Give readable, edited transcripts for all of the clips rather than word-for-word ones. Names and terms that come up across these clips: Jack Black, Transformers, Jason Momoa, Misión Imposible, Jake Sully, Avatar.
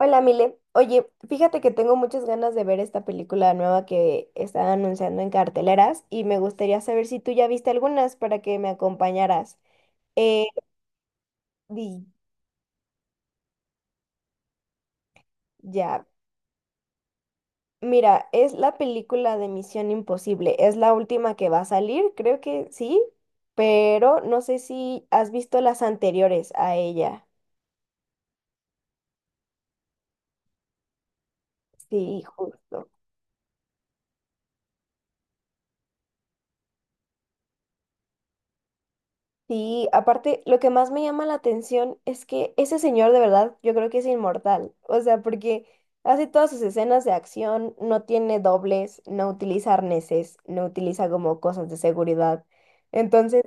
Hola, Mile. Oye, fíjate que tengo muchas ganas de ver esta película nueva que están anunciando en carteleras y me gustaría saber si tú ya viste algunas para que me acompañaras. Eh, di- ya, mira, es la película de Misión Imposible. Es la última que va a salir, creo que sí, pero no sé si has visto las anteriores a ella. Sí, justo. Sí, aparte, lo que más me llama la atención es que ese señor de verdad, yo creo que es inmortal. O sea, porque hace todas sus escenas de acción, no tiene dobles, no utiliza arneses, no utiliza como cosas de seguridad. Entonces,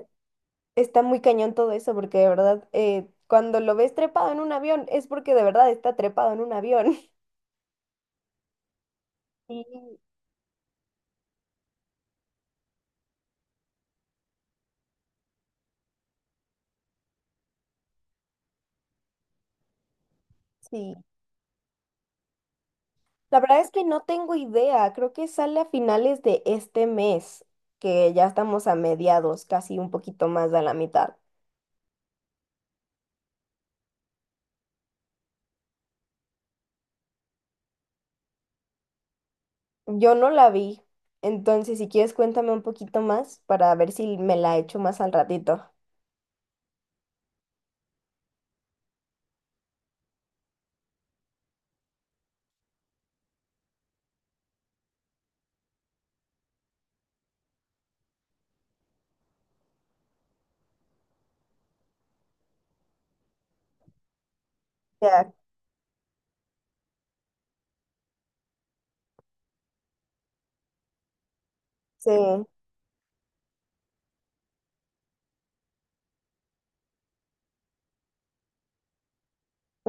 está muy cañón todo eso, porque de verdad, cuando lo ves trepado en un avión, es porque de verdad está trepado en un avión. Sí, sí. La verdad es que no tengo idea, creo que sale a finales de este mes, que ya estamos a mediados, casi un poquito más de la mitad. Yo no la vi, entonces si quieres cuéntame un poquito más para ver si me la echo más al ratito. Ya, sí,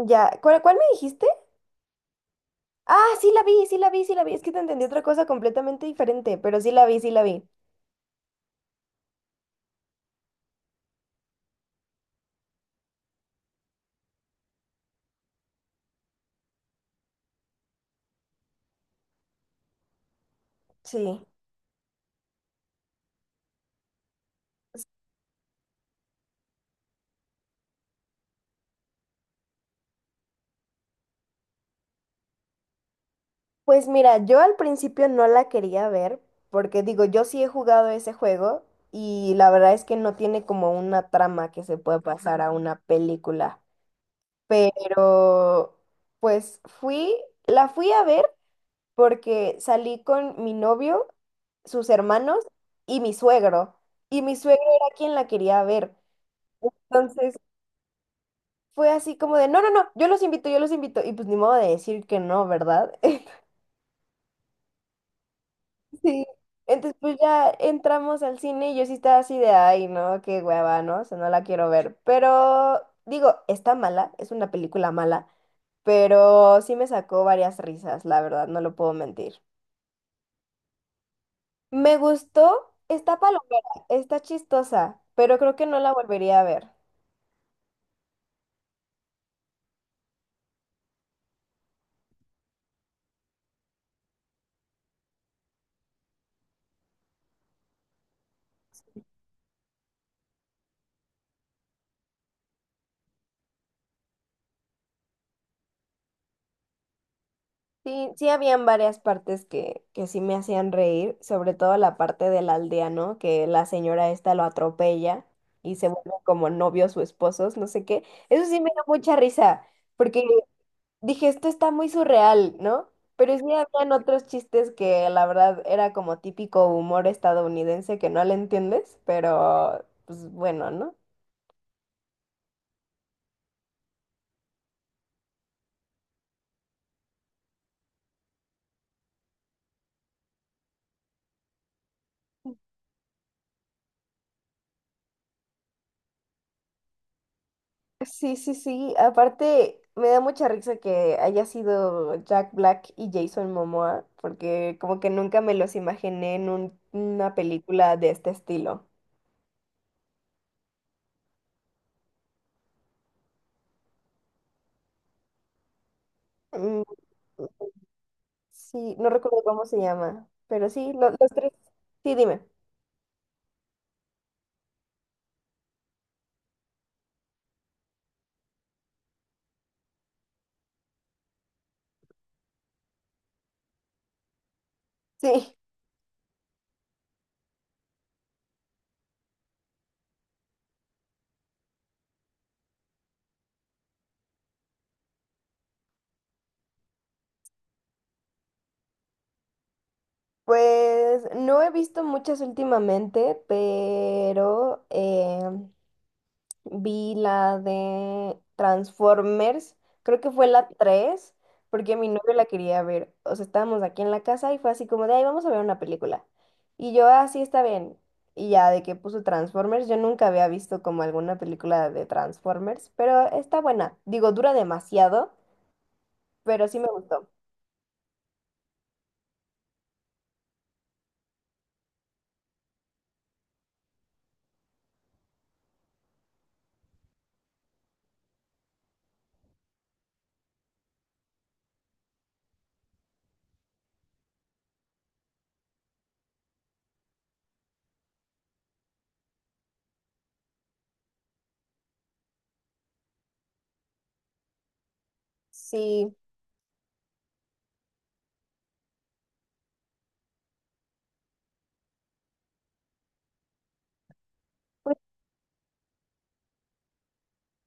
ya. ¿Cuál me dijiste? Ah, sí la vi, sí la vi, sí la vi. Es que te entendí otra cosa completamente diferente, pero sí la vi, sí la vi. Sí. Pues mira, yo al principio no la quería ver, porque digo, yo sí he jugado ese juego y la verdad es que no tiene como una trama que se pueda pasar a una película. Pero pues fui, la fui a ver porque salí con mi novio, sus hermanos y mi suegro. Y mi suegro era quien la quería ver. Entonces fue así como de, no, no, no, yo los invito, yo los invito. Y pues ni modo de decir que no, ¿verdad? Sí. Entonces, pues ya entramos al cine y yo sí estaba así de, ay, no, qué hueva, ¿no? O sea, no la quiero ver. Pero, digo, está mala, es una película mala, pero sí me sacó varias risas, la verdad, no lo puedo mentir. Me gustó, está palomera, está chistosa, pero creo que no la volvería a ver. Sí, sí habían varias partes que sí me hacían reír, sobre todo la parte del aldeano, que la señora esta lo atropella y se vuelven como novios o esposos, no sé qué. Eso sí me dio mucha risa, porque dije, esto está muy surreal, ¿no? Pero sí habían otros chistes que la verdad era como típico humor estadounidense que no le entiendes, pero pues bueno, ¿no? Sí, sí, sí. Aparte, me da mucha risa que haya sido Jack Black y Jason Momoa, porque como que nunca me los imaginé en una película de este estilo. Mm, sí, no recuerdo cómo se llama, pero sí, lo- los tres. Sí, dime. Sí, pues no he visto muchas últimamente, pero vi la de Transformers, creo que fue la 3 porque mi novio la quería ver. O sea, estábamos aquí en la casa y fue así como de, ay, vamos a ver una película. Y yo, así está bien. Y ya de que puso Transformers, yo nunca había visto como alguna película de Transformers, pero está buena. Digo, dura demasiado, pero sí me gustó. Sí, pues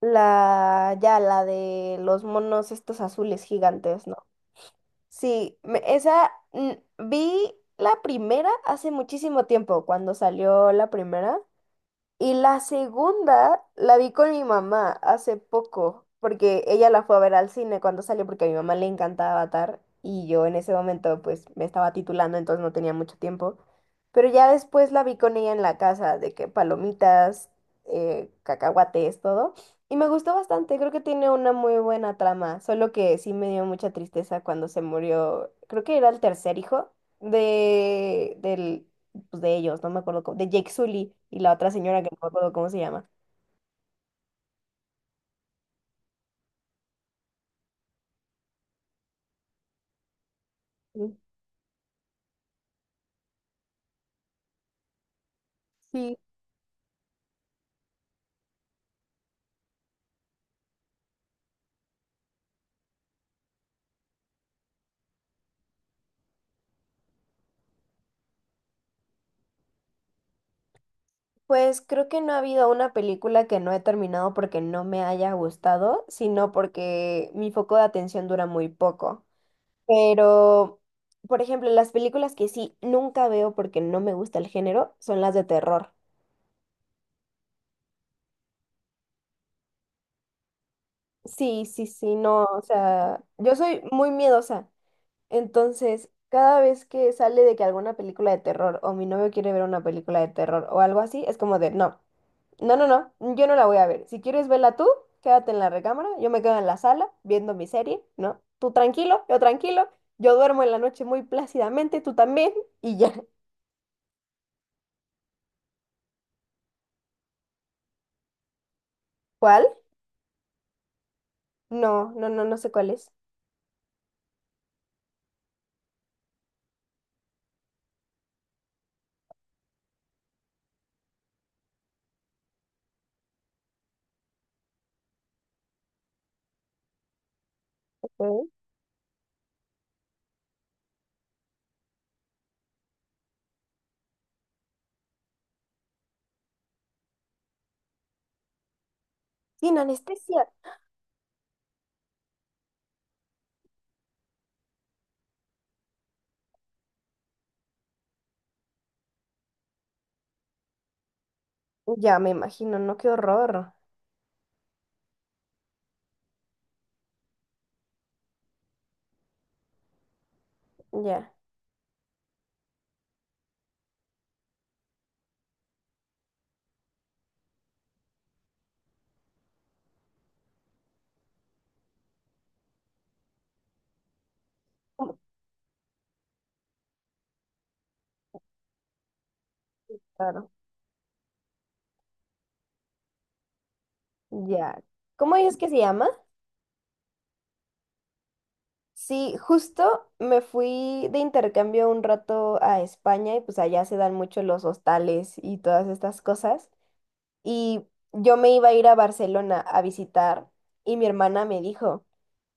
la, ya la de los monos estos azules gigantes, ¿no? Sí, vi la primera hace muchísimo tiempo, cuando salió la primera. Y la segunda la vi con mi mamá hace poco, porque ella la fue a ver al cine cuando salió, porque a mi mamá le encantaba Avatar y yo en ese momento pues me estaba titulando, entonces no tenía mucho tiempo. Pero ya después la vi con ella en la casa, de que palomitas, cacahuates, todo. Y me gustó bastante, creo que tiene una muy buena trama, solo que sí me dio mucha tristeza cuando se murió, creo que era el tercer hijo de, del pues, de ellos, no me acuerdo cómo, de Jake Sully y la otra señora que no me acuerdo cómo se llama. Sí. Sí, pues creo que no ha habido una película que no he terminado porque no me haya gustado, sino porque mi foco de atención dura muy poco. Pero, por ejemplo, las películas que sí nunca veo porque no me gusta el género son las de terror. Sí, sí, sí, no, o sea, yo soy muy miedosa. Entonces, cada vez que sale de que alguna película de terror o mi novio quiere ver una película de terror o algo así, es como de no, no, no, no, yo no la voy a ver. Si quieres verla tú, quédate en la recámara, yo me quedo en la sala viendo mi serie, ¿no? Tú tranquilo, yo duermo en la noche muy plácidamente, tú también, y ya. ¿Cuál? No, no, no, no sé cuál es. Ok. Sin anestesia. Ya me imagino, no, qué horror. Ya. ¿Cómo? Claro. Ya. ¿Cómo es que se llama? Sí, justo me fui de intercambio un rato a España y pues allá se dan mucho los hostales y todas estas cosas. Y yo me iba a ir a Barcelona a visitar y mi hermana me dijo,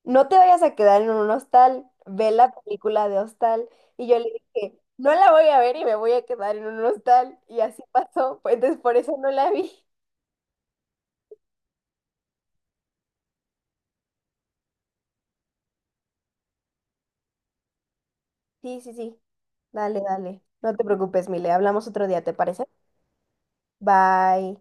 no te vayas a quedar en un hostal, ve la película de hostal. Y yo le dije, no la voy a ver y me voy a quedar en un hostal. Y así pasó, pues entonces por eso no la vi. Sí, sí, sí, dale, dale. No te preocupes, Mile, hablamos otro día, ¿te parece? Bye.